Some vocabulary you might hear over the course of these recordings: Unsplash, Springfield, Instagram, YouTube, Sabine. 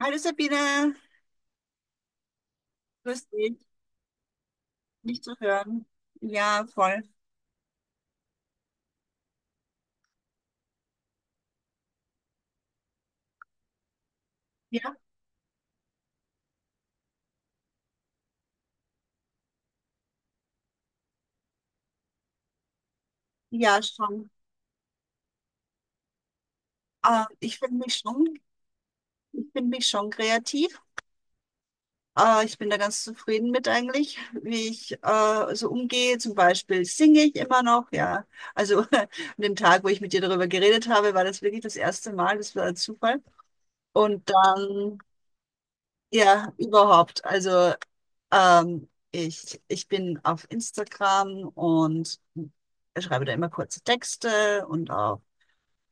Hallo Sabine, grüß dich, dich zu hören. Ja, voll. Ja, ja, schon. Ich finde mich schon, ich finde mich schon kreativ. Ich bin da ganz zufrieden mit eigentlich, wie ich so umgehe. Zum Beispiel singe ich immer noch, ja. Also an dem Tag, wo ich mit dir darüber geredet habe, war das wirklich das erste Mal, das war ein Zufall. Und dann, ja, überhaupt. Also Ich bin auf Instagram und schreibe da immer kurze Texte und auf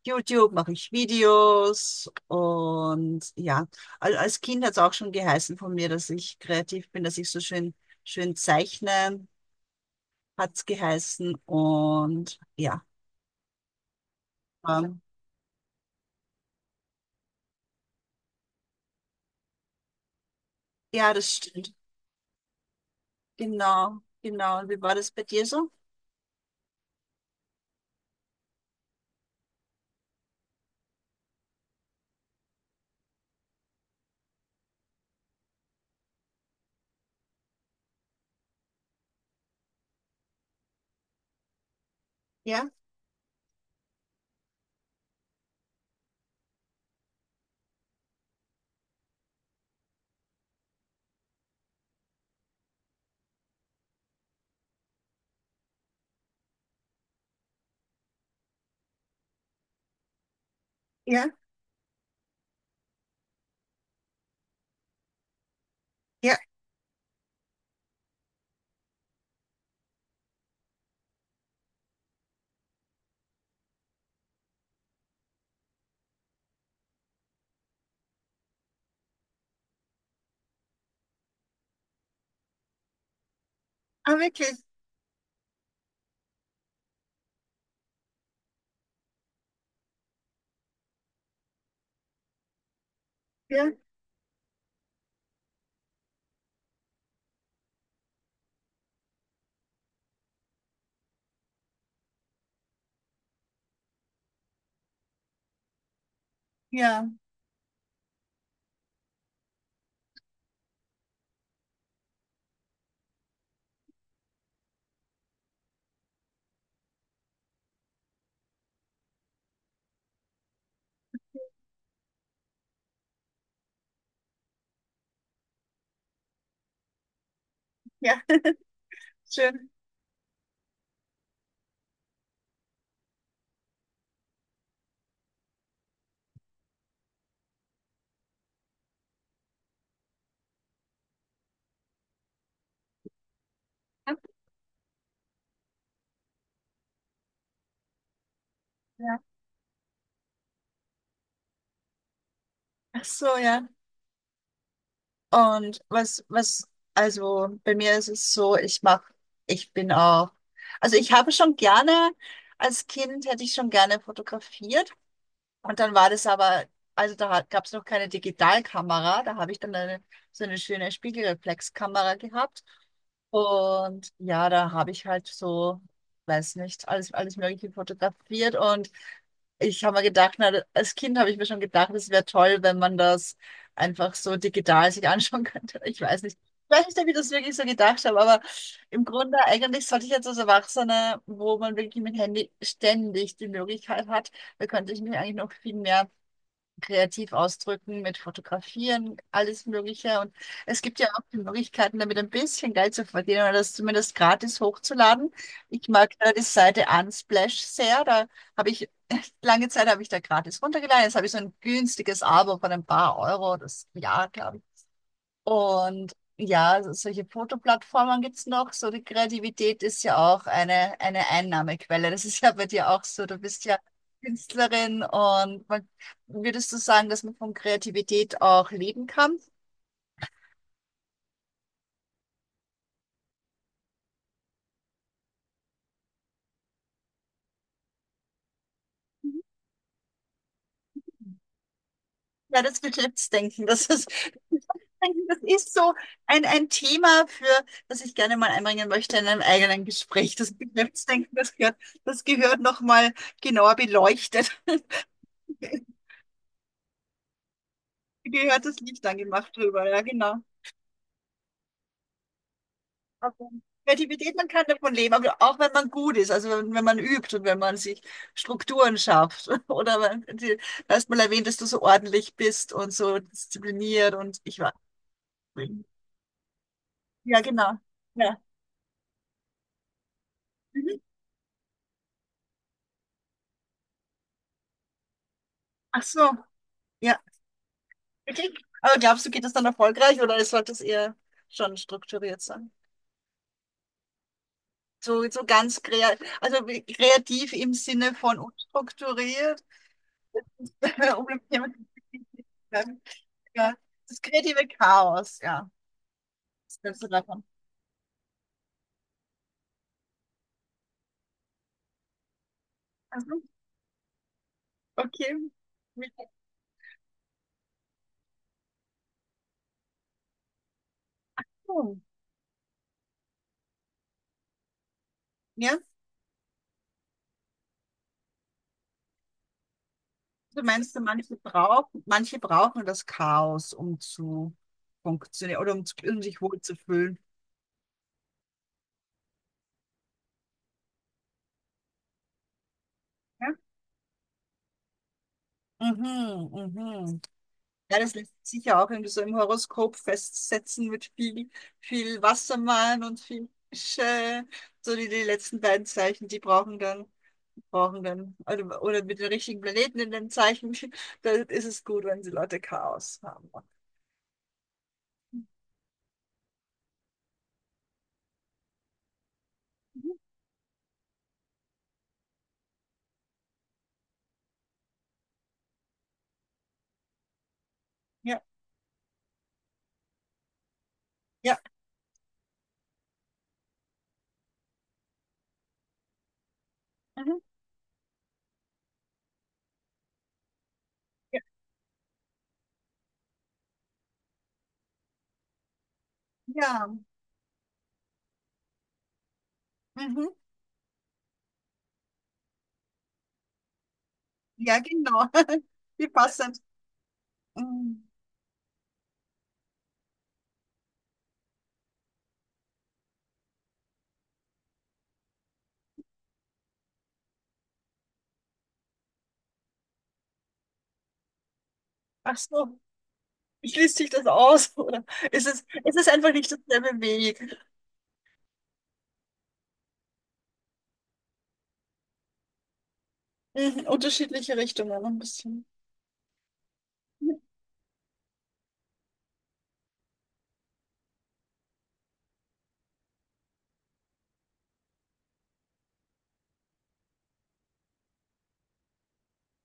YouTube mache ich Videos und ja, als Kind hat es auch schon geheißen von mir, dass ich kreativ bin, dass ich so schön, schön zeichne, hat es geheißen und ja, ähm, ja, das stimmt. Genau, genau. Und wie war das bei dir so? Ja, ja, ja. Ah, wirklich. Ja, ja, ja. Schön. Ja. Ach so, ja. Und also bei mir ist es so, ich mach, ich bin auch, also ich habe schon gerne, als Kind hätte ich schon gerne fotografiert. Und dann war das aber, also da gab es noch keine Digitalkamera, da habe ich dann so eine schöne Spiegelreflexkamera gehabt. Und ja, da habe ich halt so, weiß nicht, alles Mögliche fotografiert. Und ich habe mir gedacht, na, als Kind habe ich mir schon gedacht, es wäre toll, wenn man das einfach so digital sich anschauen könnte. Ich weiß nicht. Ich weiß nicht, ob ich das wirklich so gedacht habe, aber im Grunde eigentlich sollte ich jetzt als Erwachsener, wo man wirklich mit Handy ständig die Möglichkeit hat, da könnte ich mich eigentlich noch viel mehr kreativ ausdrücken, mit Fotografieren, alles Mögliche. Und es gibt ja auch die Möglichkeiten, damit ein bisschen Geld zu verdienen oder das zumindest gratis hochzuladen. Ich mag da die Seite Unsplash sehr. Da habe ich, lange Zeit habe ich da gratis runtergeladen. Jetzt habe ich so ein günstiges Abo von ein paar Euro, das Jahr, glaube ich. Und ja, solche Fotoplattformen gibt's noch. So die Kreativität ist ja auch eine Einnahmequelle. Das ist ja bei dir auch so. Du bist ja Künstlerin und man, würdest du sagen, dass man von Kreativität auch leben kann? Ja, das Betriebsdenken, das ist so ein Thema für, das ich gerne mal einbringen möchte in einem eigenen Gespräch. Das Betriebsdenken, das gehört nochmal genauer beleuchtet. Gehört das Licht angemacht drüber, ja, genau. Also Kreativität, man kann davon leben, aber auch wenn man gut ist, also wenn man übt und wenn man sich Strukturen schafft. Oder wenn, die- du hast mal erwähnt, dass du so ordentlich bist und so diszipliniert und ich war. Ja, genau. Ja. Mhm. Ach so, ja. Okay. Aber glaubst du, geht das dann erfolgreich oder sollte es eher schon strukturiert sein? So ganz kreativ, also kreativ im Sinne von unstrukturiert, um im Thema zu bleiben. Ja, das kreative Chaos, ja. Was denkst du davon? Also, okay. Mit Ton. Ja? Du meinst, manche brauchen das Chaos, um zu funktionieren oder um, um sich wohlzufühlen. Ja? Mhm, mhm. Ja, das lässt sich sicher auch irgendwie so im Horoskop festsetzen mit viel Wassermann und viel Fische. So die, die letzten beiden Zeichen, brauchen dann, oder mit den richtigen Planeten in den Zeichen, da ist es gut, wenn sie Leute Chaos haben. Mhm. Ja, ja, mhm. Ja. Ja, Mhm. Ja, genau. Wie passt das? Mhm. Ach so, schließt sich das aus, oder? Ist es einfach nicht dasselbe Weg? Mhm, unterschiedliche Richtungen ein bisschen.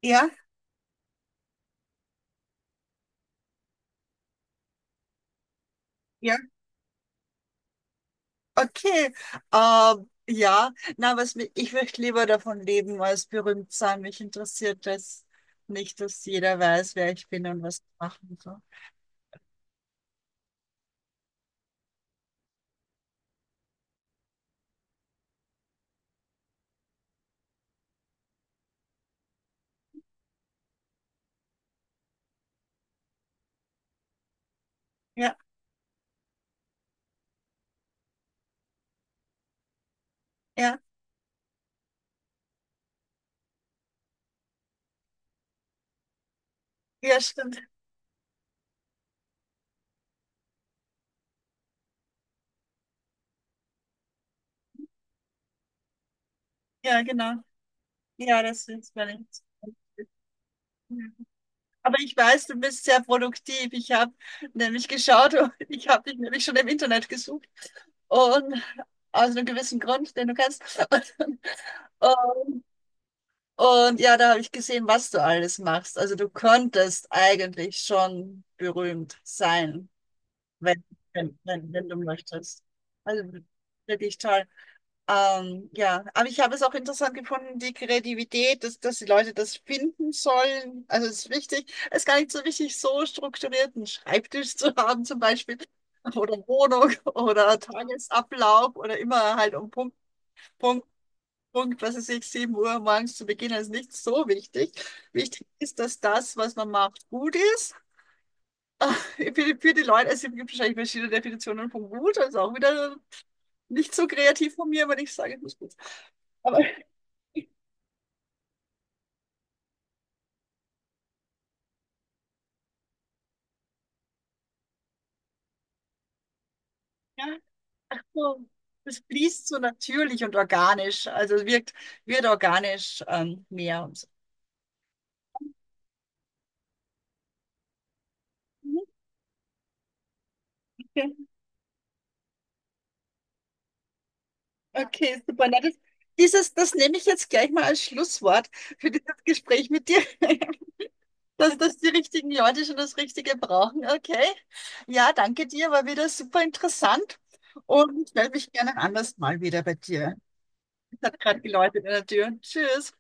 Ja, ja. Okay, ja, na, was ich möchte lieber davon leben als berühmt sein. Mich interessiert das nicht, dass jeder weiß, wer ich bin und was ich mache und so. Ja, ja, ja, stimmt. Ja, genau. Ja, das ist mir nichts. Aber ich weiß, du bist sehr produktiv. Ich habe nämlich geschaut und ich habe dich nämlich schon im Internet gesucht. Und aus einem gewissen Grund, den du kennst. Und, und, ja, da habe ich gesehen, was du alles machst. Also du könntest eigentlich schon berühmt sein, wenn, wenn du möchtest. Also wirklich toll. Ja, aber ich habe es auch interessant gefunden, die Kreativität, dass die Leute das finden sollen. Also es ist wichtig, es ist gar nicht so wichtig, so strukturiert einen Schreibtisch zu haben zum Beispiel oder Wohnung oder Tagesablauf oder immer halt um Punkt, Punkt, was weiß ich, 7 Uhr morgens zu beginnen, ist nicht so wichtig. Wichtig ist, dass das, was man macht, gut ist. Ah, für die, für die Leute, also es gibt wahrscheinlich verschiedene Definitionen von gut, also auch wieder nicht so kreativ von mir, wenn ich sage, es muss gut sein. Aber ja, ach so, das fließt so natürlich und organisch, also es wirkt, wird organisch mehr und so. Mhm, okay, okay, super. Na, das nehme ich jetzt gleich mal als Schlusswort für dieses Gespräch mit dir, dass die richtigen Leute schon das Richtige brauchen. Okay. Ja, danke dir, war wieder super interessant und ich melde mich gerne ein anderes Mal wieder bei dir. Hat gerade geläutet in der Tür. Tschüss.